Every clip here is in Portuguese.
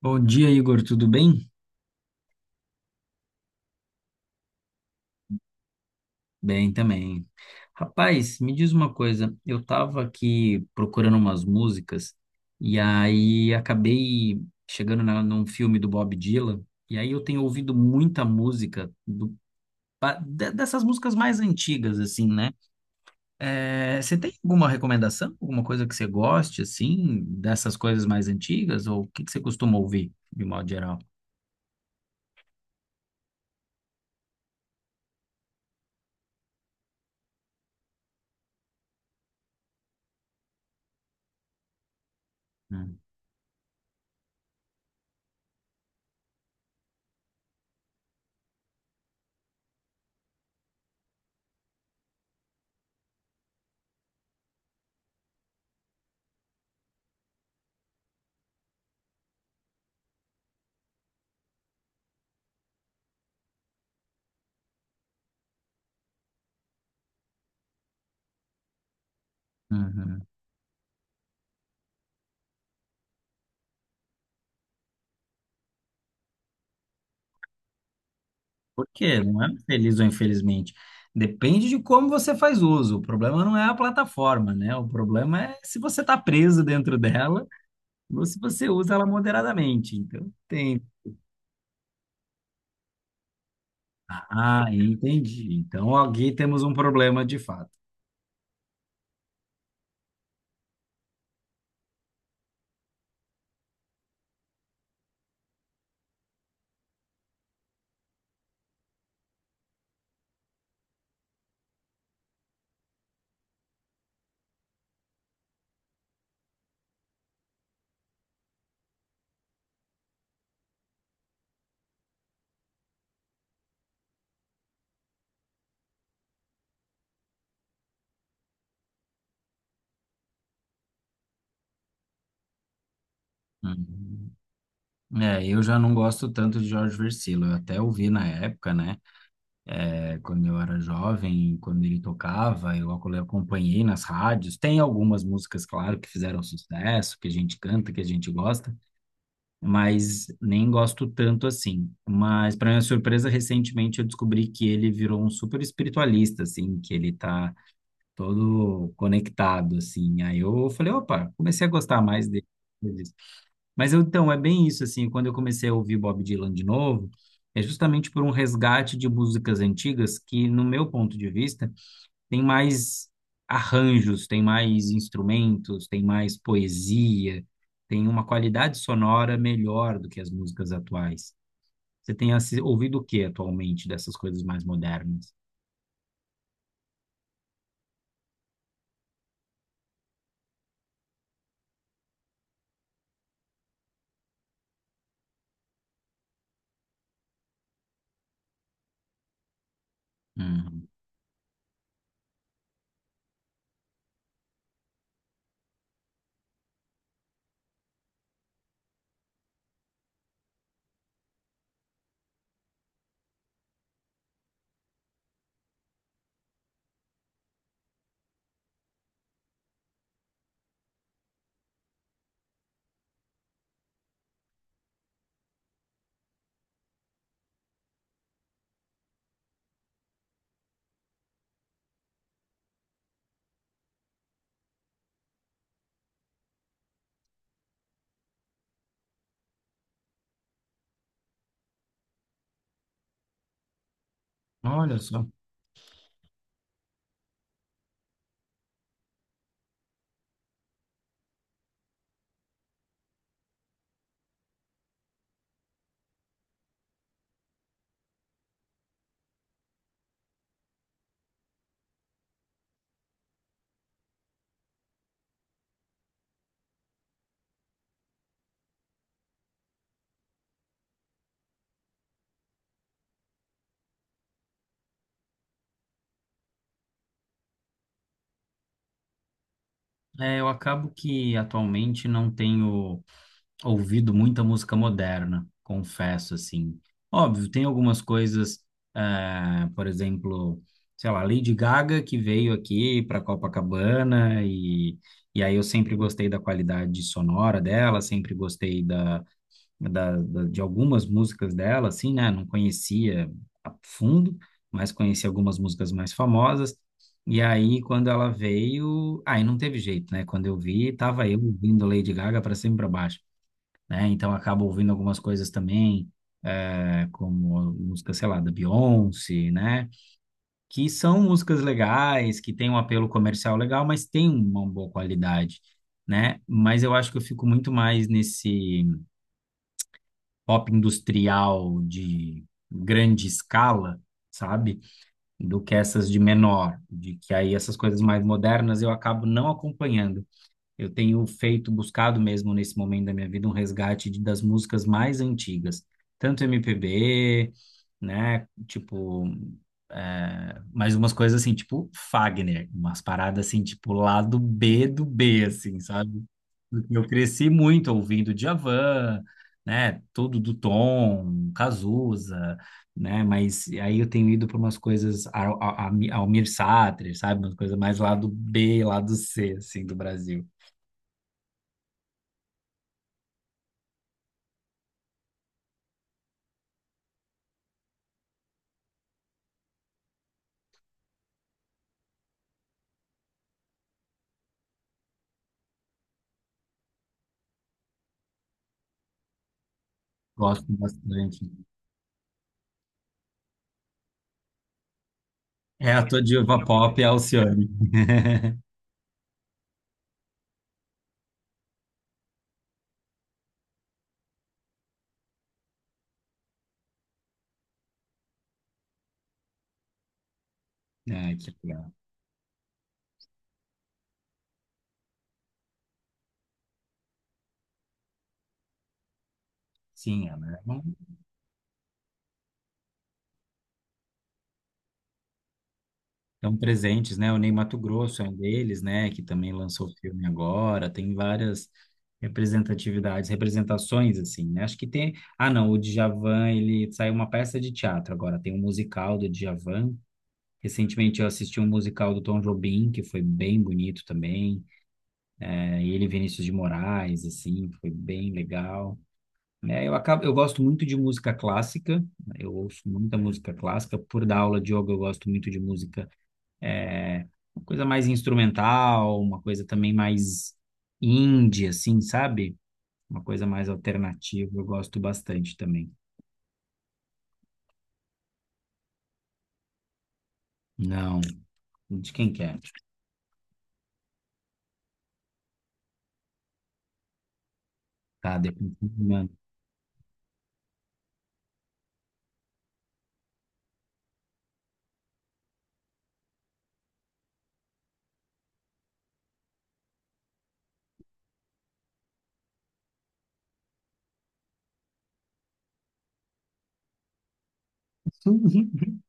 Bom dia, Igor, tudo bem? Bem também. Rapaz, me diz uma coisa, eu estava aqui procurando umas músicas e aí acabei chegando num filme do Bob Dylan e aí eu tenho ouvido muita música dessas músicas mais antigas, assim, né? Você tem alguma recomendação, alguma coisa que você goste, assim, dessas coisas mais antigas ou o que que você costuma ouvir, de modo geral? Hum. Uhum. Por quê? Não é feliz ou infelizmente. Depende de como você faz uso. O problema não é a plataforma, né? O problema é se você está preso dentro dela ou se você usa ela moderadamente. Então, tem. Ah, entendi. Então, aqui temos um problema de fato. Uhum. É, eu já não gosto tanto de Jorge Vercillo. Eu até ouvi na época, né? É, quando eu era jovem, quando ele tocava, eu acompanhei nas rádios. Tem algumas músicas, claro, que fizeram sucesso, que a gente canta, que a gente gosta, mas nem gosto tanto assim. Mas, para minha surpresa, recentemente eu descobri que ele virou um super espiritualista, assim, que ele tá todo conectado, assim. Aí eu falei, opa, comecei a gostar mais dele. Mas então, é bem isso, assim, quando eu comecei a ouvir Bob Dylan de novo, é justamente por um resgate de músicas antigas que, no meu ponto de vista, tem mais arranjos, tem mais instrumentos, tem mais poesia, tem uma qualidade sonora melhor do que as músicas atuais. Você tem ouvido o que atualmente dessas coisas mais modernas? Hum. Olha só. É, eu acabo que atualmente não tenho ouvido muita música moderna, confesso, assim. Óbvio, tem algumas coisas, por exemplo, sei lá, Lady Gaga, que veio aqui para Copacabana, e aí eu sempre gostei da qualidade sonora dela, sempre gostei de algumas músicas dela, assim, né? Não conhecia a fundo, mas conheci algumas músicas mais famosas. E aí, quando ela veio, aí não teve jeito, né? Quando eu vi, tava eu ouvindo Lady Gaga para cima e para baixo, né? Então acabo ouvindo algumas coisas também, como música, sei lá, da Beyoncé, né? Que são músicas legais, que têm um apelo comercial legal, mas tem uma boa qualidade, né? Mas eu acho que eu fico muito mais nesse pop industrial de grande escala, sabe? Do que essas de menor, de que aí essas coisas mais modernas eu acabo não acompanhando. Eu tenho feito, buscado mesmo nesse momento da minha vida, um resgate das músicas mais antigas, tanto MPB, né? Tipo, é, mas umas coisas assim, tipo Fagner, umas paradas assim, tipo lado B do B, assim, sabe? Porque eu cresci muito ouvindo Djavan, né? Tudo do Tom, Cazuza, né? Mas aí eu tenho ido para umas coisas ao Almir Sater, sabe? Umas coisas mais lado B, lado C, assim, do Brasil. Gosto bastante. É, a tua diva pop é a Alcione. É, que legal. Sim, ela é uma... estão presentes, né? O Ney Matogrosso é um deles, né? Que também lançou o filme agora. Tem várias representatividades, representações, assim, né? Acho que tem... Ah, não, o Djavan, ele saiu uma peça de teatro agora. Tem um musical do Djavan. Recentemente eu assisti um musical do Tom Jobim, que foi bem bonito também. É, ele e Vinícius de Moraes, assim, foi bem legal, né? Eu acabo, eu gosto muito de música clássica, eu ouço muita música clássica. Por dar aula de yoga, eu gosto muito de música, é, uma coisa mais instrumental, uma coisa também mais indie, assim, sabe? Uma coisa mais alternativa, eu gosto bastante também. Não, de quem quer? Tá, depois tu me manda.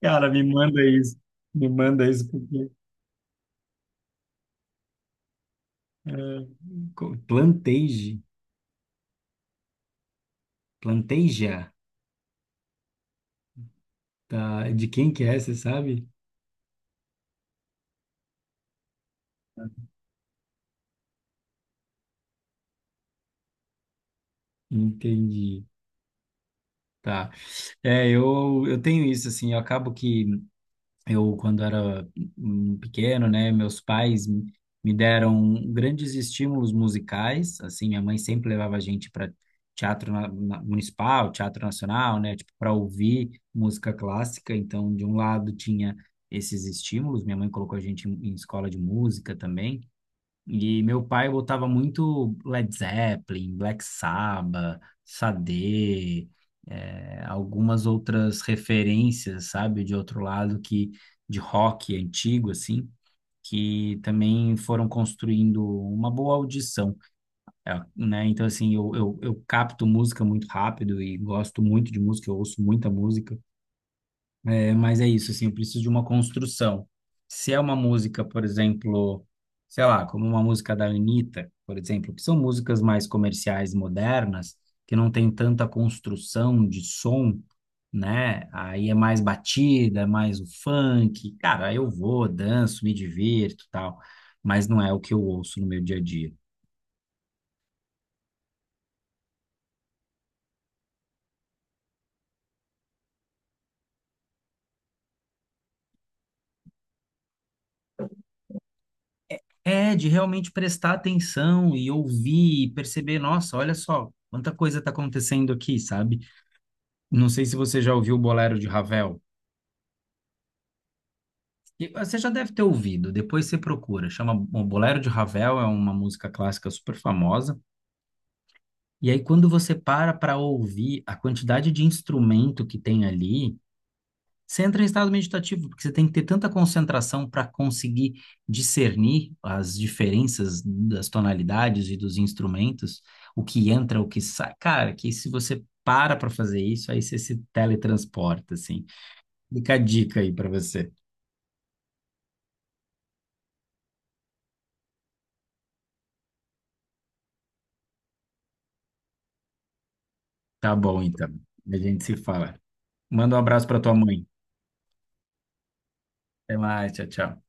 Cara, me manda isso. Me manda isso porque é, Plantage, Planteja, tá? De quem que é, você sabe? Entendi. Tá. É, eu tenho isso, assim, eu acabo que eu, quando era pequeno, né, meus pais me deram grandes estímulos musicais, assim, minha mãe sempre levava a gente para teatro municipal, teatro nacional, né, tipo, para ouvir música clássica, então, de um lado tinha esses estímulos, minha mãe colocou a gente em escola de música também, e meu pai botava muito Led Zeppelin, Black Sabbath, Sade, algumas outras referências, sabe, de outro lado que de rock antigo assim, que também foram construindo uma boa audição, né? Então assim, eu capto música muito rápido e gosto muito de música, eu ouço muita música. É, mas é isso, assim, eu preciso de uma construção. Se é uma música, por exemplo, sei lá, como uma música da Anitta, por exemplo, que são músicas mais comerciais, modernas, que não tem tanta construção de som, né? Aí é mais batida, é mais o funk. Cara, eu vou, danço, me divirto, tal, mas não é o que eu ouço no meu dia a dia. É de realmente prestar atenção e ouvir e perceber, nossa, olha só, quanta coisa está acontecendo aqui, sabe? Não sei se você já ouviu o Bolero de Ravel. E você já deve ter ouvido, depois você procura. Chama o Bolero de Ravel, é uma música clássica super famosa. E aí, quando você para para ouvir a quantidade de instrumento que tem ali, você entra em estado meditativo, porque você tem que ter tanta concentração para conseguir discernir as diferenças das tonalidades e dos instrumentos, o que entra, o que sai. Cara, que se você para para fazer isso, aí você se teletransporta, assim. Fica a dica aí para você. Tá bom, então. A gente se fala. Manda um abraço para tua mãe. Até mais, tchau, tchau.